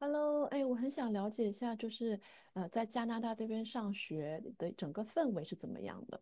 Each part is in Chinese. Hello，哎，我很想了解一下，就是在加拿大这边上学的整个氛围是怎么样的？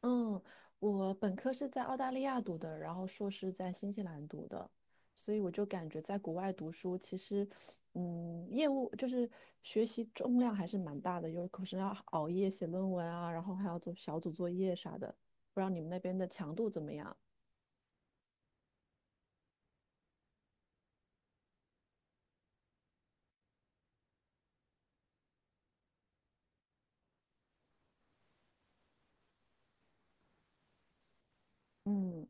嗯，我本科是在澳大利亚读的，然后硕士在新西兰读的，所以我就感觉在国外读书，其实，嗯，业务就是学习重量还是蛮大的，有可是要熬夜写论文啊，然后还要做小组作业啥的，不知道你们那边的强度怎么样？嗯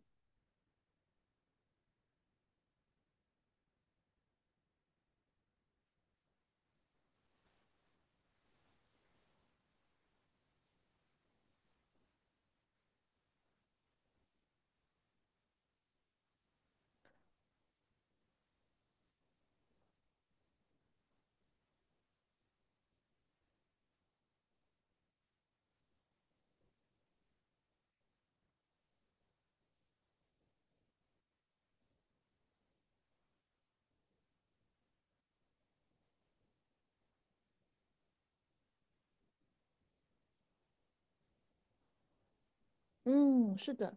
嗯，是的。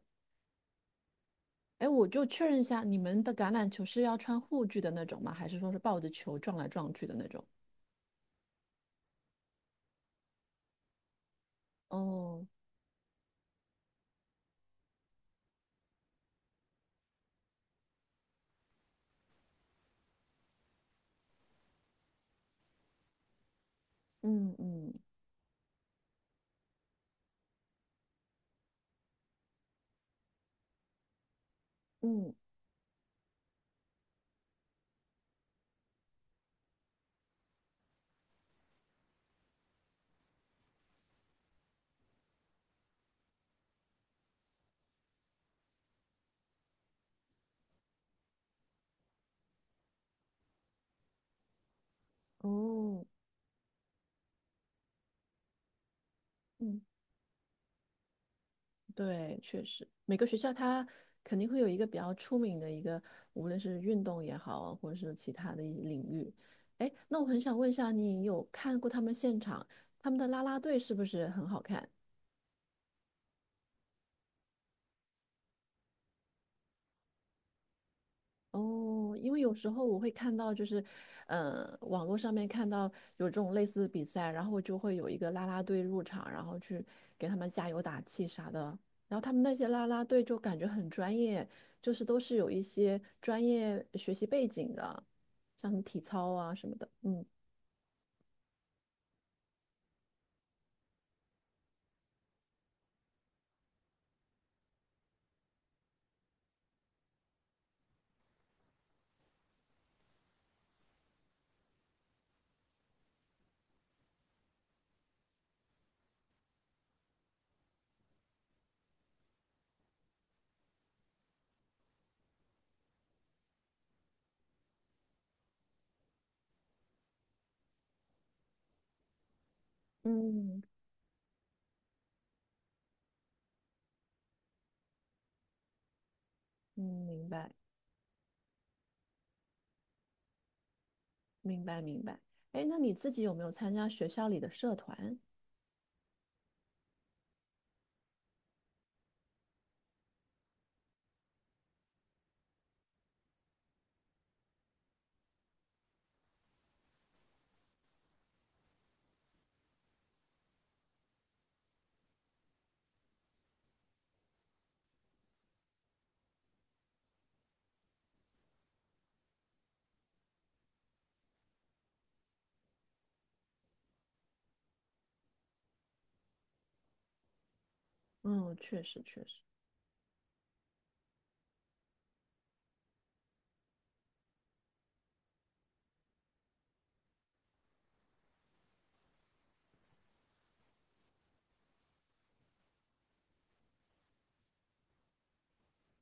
哎，我就确认一下，你们的橄榄球是要穿护具的那种吗？还是说是抱着球撞来撞去的那种？哦，嗯嗯嗯，哦，嗯，对，确实，每个学校它肯定会有一个比较出名的一个，无论是运动也好，或者是其他的一领域。哎，那我很想问一下，你有看过他们现场，他们的啦啦队是不是很好看？哦，因为有时候我会看到，就是，网络上面看到有这种类似的比赛，然后就会有一个啦啦队入场，然后去给他们加油打气啥的。然后他们那些啦啦队就感觉很专业，就是都是有一些专业学习背景的，像什么体操啊什么的。嗯嗯嗯，明白明白。哎，那你自己有没有参加学校里的社团？嗯，确实确实。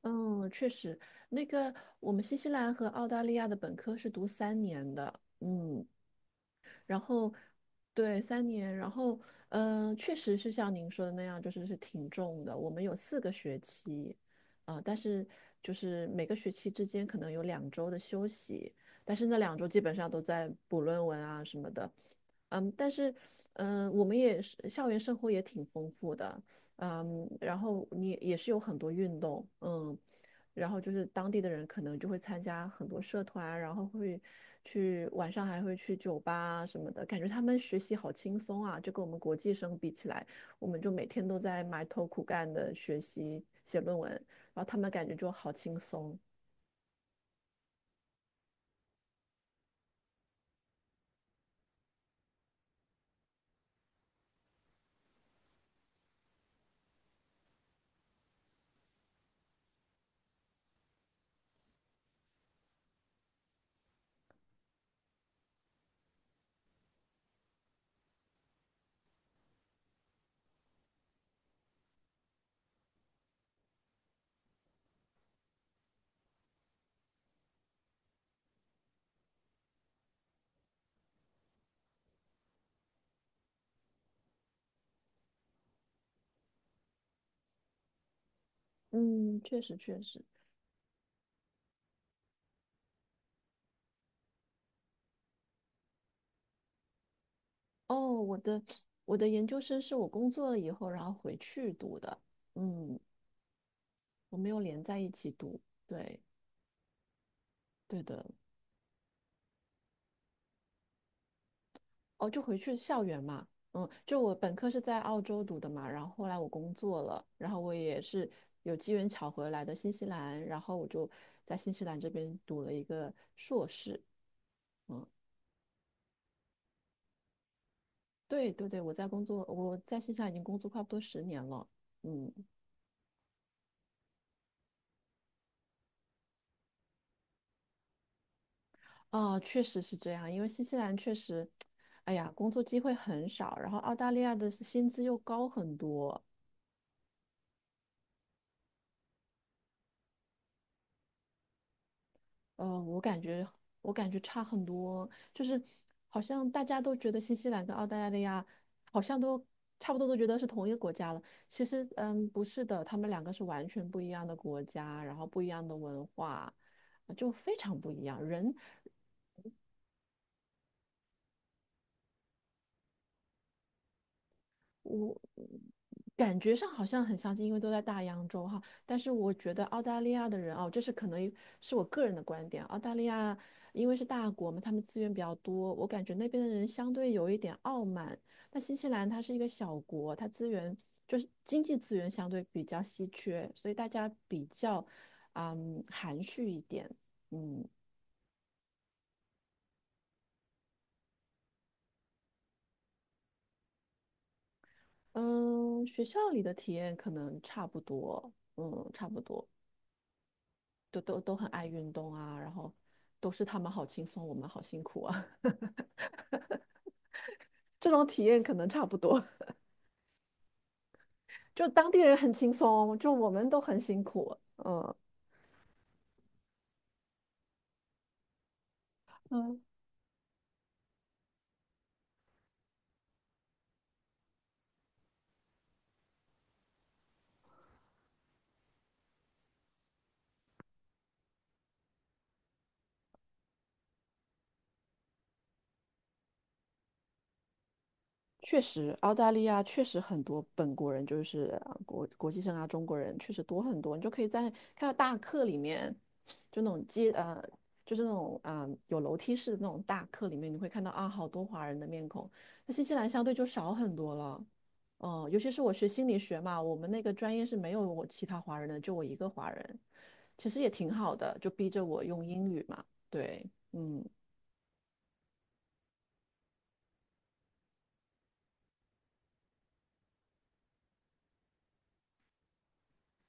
嗯，确实，那个我们新西兰和澳大利亚的本科是读三年的，嗯，然后对三年，然后嗯、确实是像您说的那样，就是是挺重的。我们有四个学期，啊、但是就是每个学期之间可能有两周的休息，但是那两周基本上都在补论文啊什么的，嗯，但是嗯、我们也是校园生活也挺丰富的，嗯，然后你也是有很多运动，嗯。然后就是当地的人可能就会参加很多社团啊，然后会去晚上还会去酒吧啊什么的，感觉他们学习好轻松啊，就跟我们国际生比起来，我们就每天都在埋头苦干的学习写论文，然后他们感觉就好轻松。嗯，确实确实。哦，我的研究生是我工作了以后，然后回去读的。嗯，我没有连在一起读。对对的。哦，就回去校园嘛，嗯，就我本科是在澳洲读的嘛，然后后来我工作了，然后我也是有机缘巧合来的新西兰，然后我就在新西兰这边读了一个硕士，嗯，对对对，我在工作，我在新西兰已经工作差不多十年了，嗯，啊，确实是这样，因为新西兰确实，哎呀，工作机会很少，然后澳大利亚的薪资又高很多，我感觉我感觉差很多，就是好像大家都觉得新西兰跟澳大利亚好像都差不多，都觉得是同一个国家了。其实，嗯，不是的，他们两个是完全不一样的国家，然后不一样的文化，就非常不一样。人我感觉上好像很相近，因为都在大洋洲哈。但是我觉得澳大利亚的人哦，这是可能是我个人的观点。澳大利亚因为是大国嘛，他们资源比较多，我感觉那边的人相对有一点傲慢。那新西兰它是一个小国，它资源就是经济资源相对比较稀缺，所以大家比较嗯含蓄一点。嗯嗯，学校里的体验可能差不多，嗯，差不多。都都都很爱运动啊，然后都是他们好轻松，我们好辛苦啊，这种体验可能差不多。就当地人很轻松，就我们都很辛苦。嗯嗯，确实，澳大利亚确实很多本国人，就是国际生啊，中国人确实多很多。你就可以在看到大课里面，就那种就是那种啊、有楼梯式的那种大课里面，你会看到啊好多华人的面孔。那新西兰相对就少很多了，嗯、尤其是我学心理学嘛，我们那个专业是没有我其他华人的，就我一个华人，其实也挺好的，就逼着我用英语嘛，对，嗯。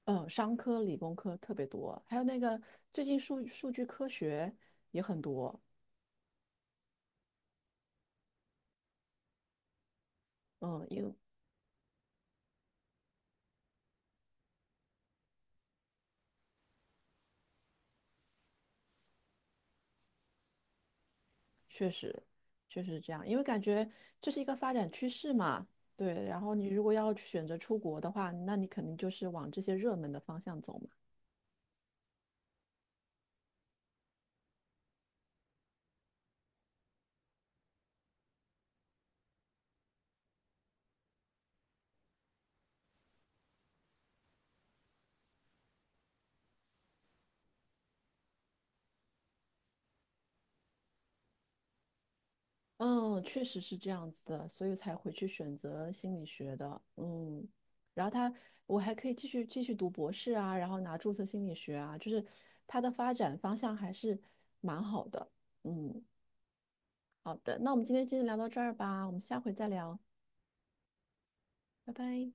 嗯，商科、理工科特别多，还有那个最近数据科学也很多。嗯，因为确实确实是这样，因为感觉这是一个发展趋势嘛。对，然后你如果要选择出国的话，那你肯定就是往这些热门的方向走嘛。嗯，确实是这样子的，所以才回去选择心理学的。嗯，然后他，我还可以继续读博士啊，然后拿注册心理学啊，就是它的发展方向还是蛮好的。嗯。好的，那我们今天就聊到这儿吧，我们下回再聊，拜拜。